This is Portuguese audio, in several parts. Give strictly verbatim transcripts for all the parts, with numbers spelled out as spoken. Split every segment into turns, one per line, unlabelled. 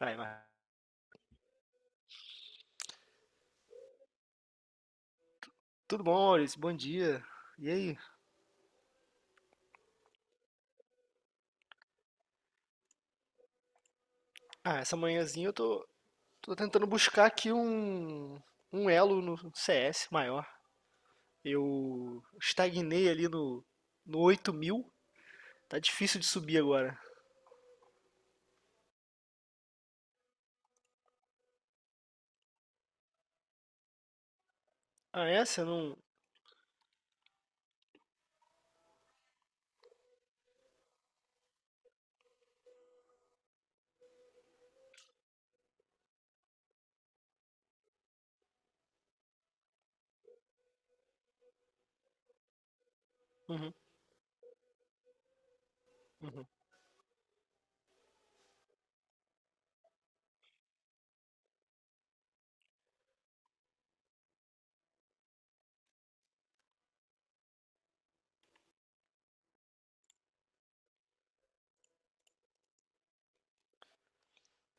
Aí, mas tudo bom, Maurício? Bom dia. E aí? Ah, essa manhãzinha eu tô, tô tentando buscar aqui um, um elo no C S maior. Eu estagnei ali no, no oito mil. Tá difícil de subir agora. Ah, essa? Eu Não. Uhum, uhum.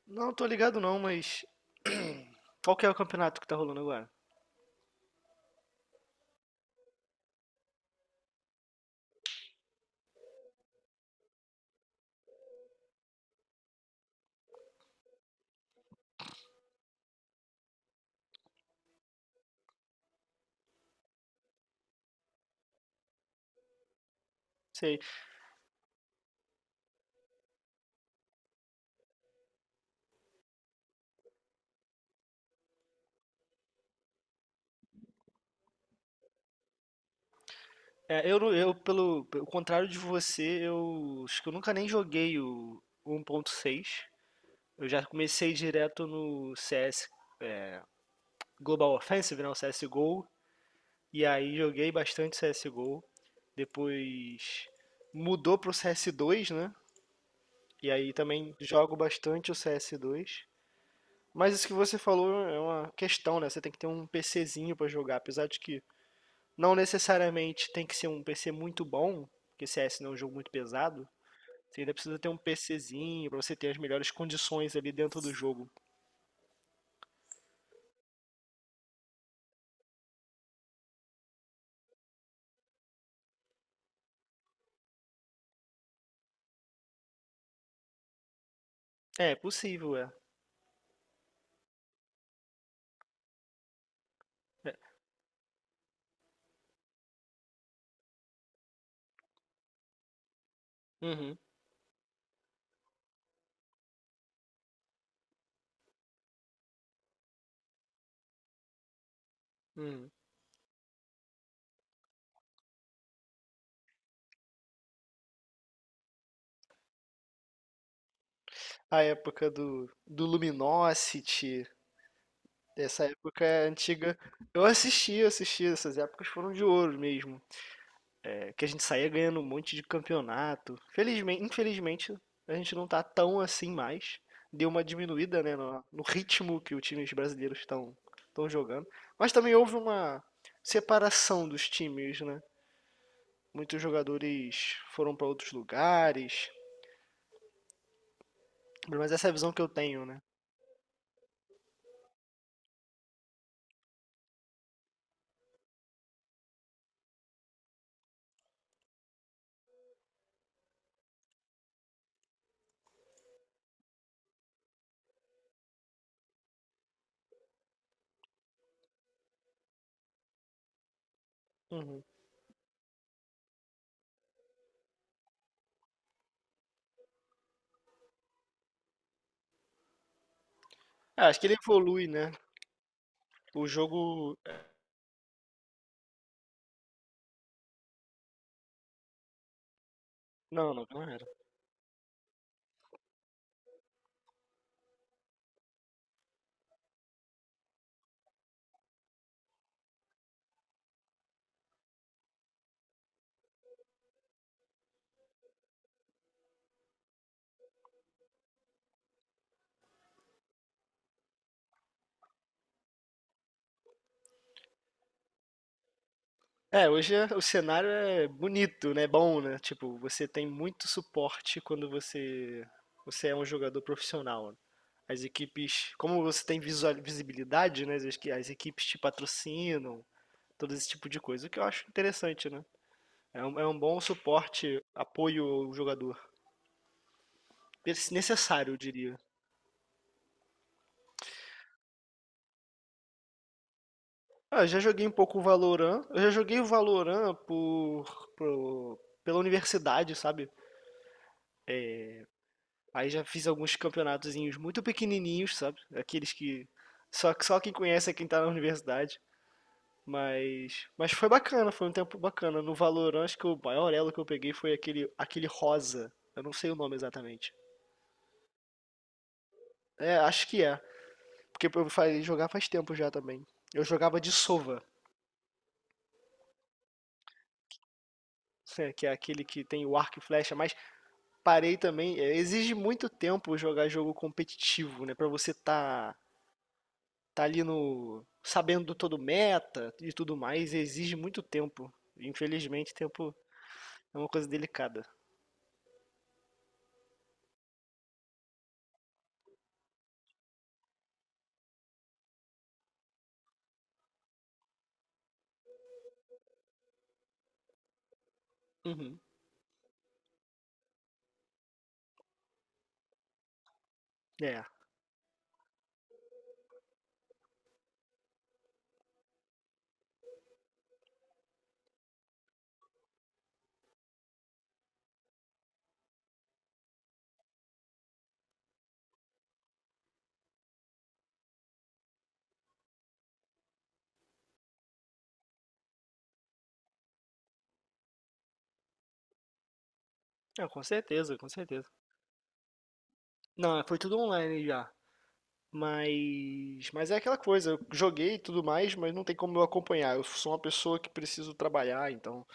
Não, tô ligado não, mas. Qual que é o campeonato que tá rolando agora? Sei. É, eu, não- eu, pelo, pelo contrário de você, eu acho que eu nunca nem joguei o um ponto seis. Eu já comecei direto no C S Global Offensive, né, o C S G O, e aí joguei bastante C S G O. Depois mudou pro C S dois, né? E aí também jogo bastante o C S dois. Mas isso que você falou é uma questão, né? Você tem que ter um PCzinho pra jogar, apesar de que não necessariamente tem que ser um P C muito bom, porque C S não é um jogo muito pesado. Você ainda precisa ter um PCzinho pra você ter as melhores condições ali dentro do jogo. É, possível, é. É. Uhum, uhum. a época do, do Luminosity, essa época é antiga. Eu assisti, eu assisti, essas épocas foram de ouro mesmo. É, que a gente saía ganhando um monte de campeonato. Felizmente, infelizmente, a gente não tá tão assim mais. Deu uma diminuída, né, no, no ritmo que os times brasileiros estão estão jogando. Mas também houve uma separação dos times, né? Muitos jogadores foram para outros lugares. Mas essa é a visão que eu tenho, né? Uhum. Ah, acho que ele evolui, né? O jogo. Não, não, não era. É, hoje é- o cenário é bonito, né? Bom, né? Tipo, você tem muito suporte quando você você é um jogador profissional, né. As equipes, como você tem visual, visibilidade, né? As, equi- as equipes te patrocinam, todo esse tipo de coisa, o que eu acho interessante, né? É um, é um bom suporte, apoio ao jogador. Pers- Necessário, eu diria. Ah, eu já joguei um pouco o Valorant. Eu já joguei o Valorant por, por- pela universidade, sabe? Aí já fiz alguns campeonatozinhos muito pequenininhos, sabe? Aqueles que só, só quem conhece é quem tá na universidade. Mas, mas foi bacana, foi um tempo bacana. No Valorant, acho que o maior elo que eu peguei foi aquele, aquele rosa. Eu não sei o nome exatamente. É, acho que é. Porque eu falei jogar faz tempo já também. Eu jogava de sova, né, que é aquele que tem o arco e flecha, mas parei também. É, exige muito tempo jogar jogo competitivo, né? Pra você tá tá ali no sabendo todo meta e tudo mais, exige muito tempo. Infelizmente, tempo é uma coisa delicada. Uhum. É. É, com certeza, com certeza. Não, foi tudo online já. Mas, mas é aquela coisa, eu joguei e tudo mais, mas não tem como eu acompanhar. Eu sou uma pessoa que preciso trabalhar, então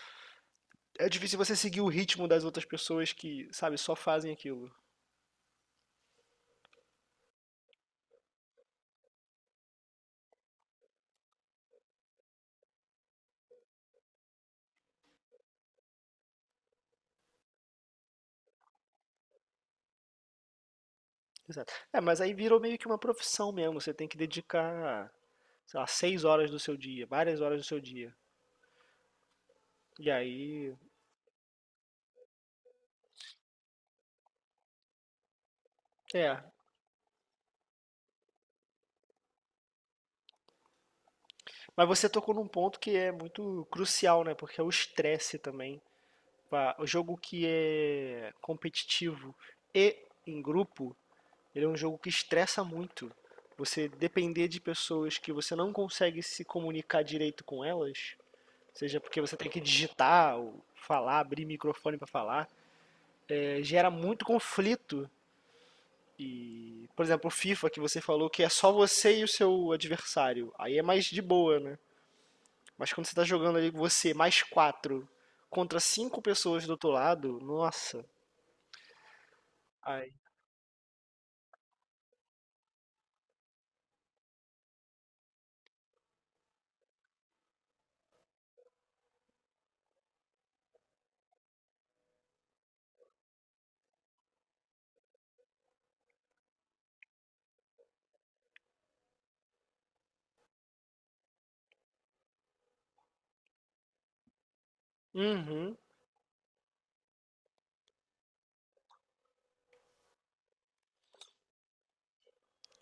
é difícil você seguir o ritmo das outras pessoas que, sabe, só fazem aquilo. Exato. É, mas aí virou meio que uma profissão mesmo. Você tem que dedicar, sei lá, seis horas do seu dia, várias horas do seu dia. E aí, é. Mas você tocou num ponto que é muito crucial, né? Porque é o estresse também. Pá, o jogo que é competitivo e em grupo, ele é um jogo que estressa muito. Você depender de pessoas que você não consegue se comunicar direito com elas, seja porque você tem que digitar ou falar, abrir microfone para falar, é, gera muito conflito. E, por exemplo, o FIFA que você falou que é só você e o seu adversário. Aí é mais de boa, né? Mas quando você tá jogando ali você mais quatro contra cinco pessoas do outro lado, nossa. Ai. Uhum,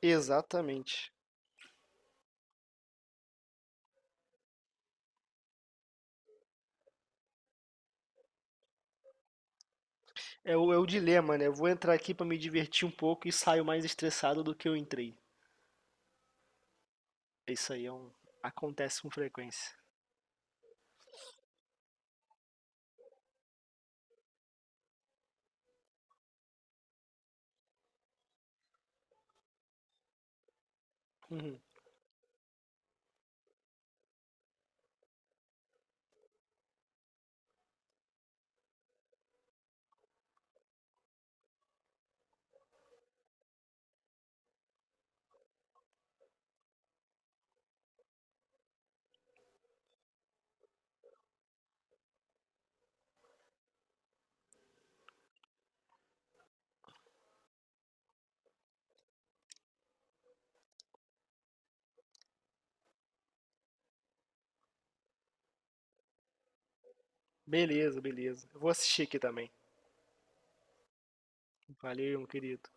exatamente. É o, é o dilema, né? Eu vou entrar aqui pra me divertir um pouco e saio mais estressado do que eu entrei. Isso aí é um, acontece com frequência. Uhum. Beleza, beleza. Eu vou assistir aqui também. Valeu, meu querido.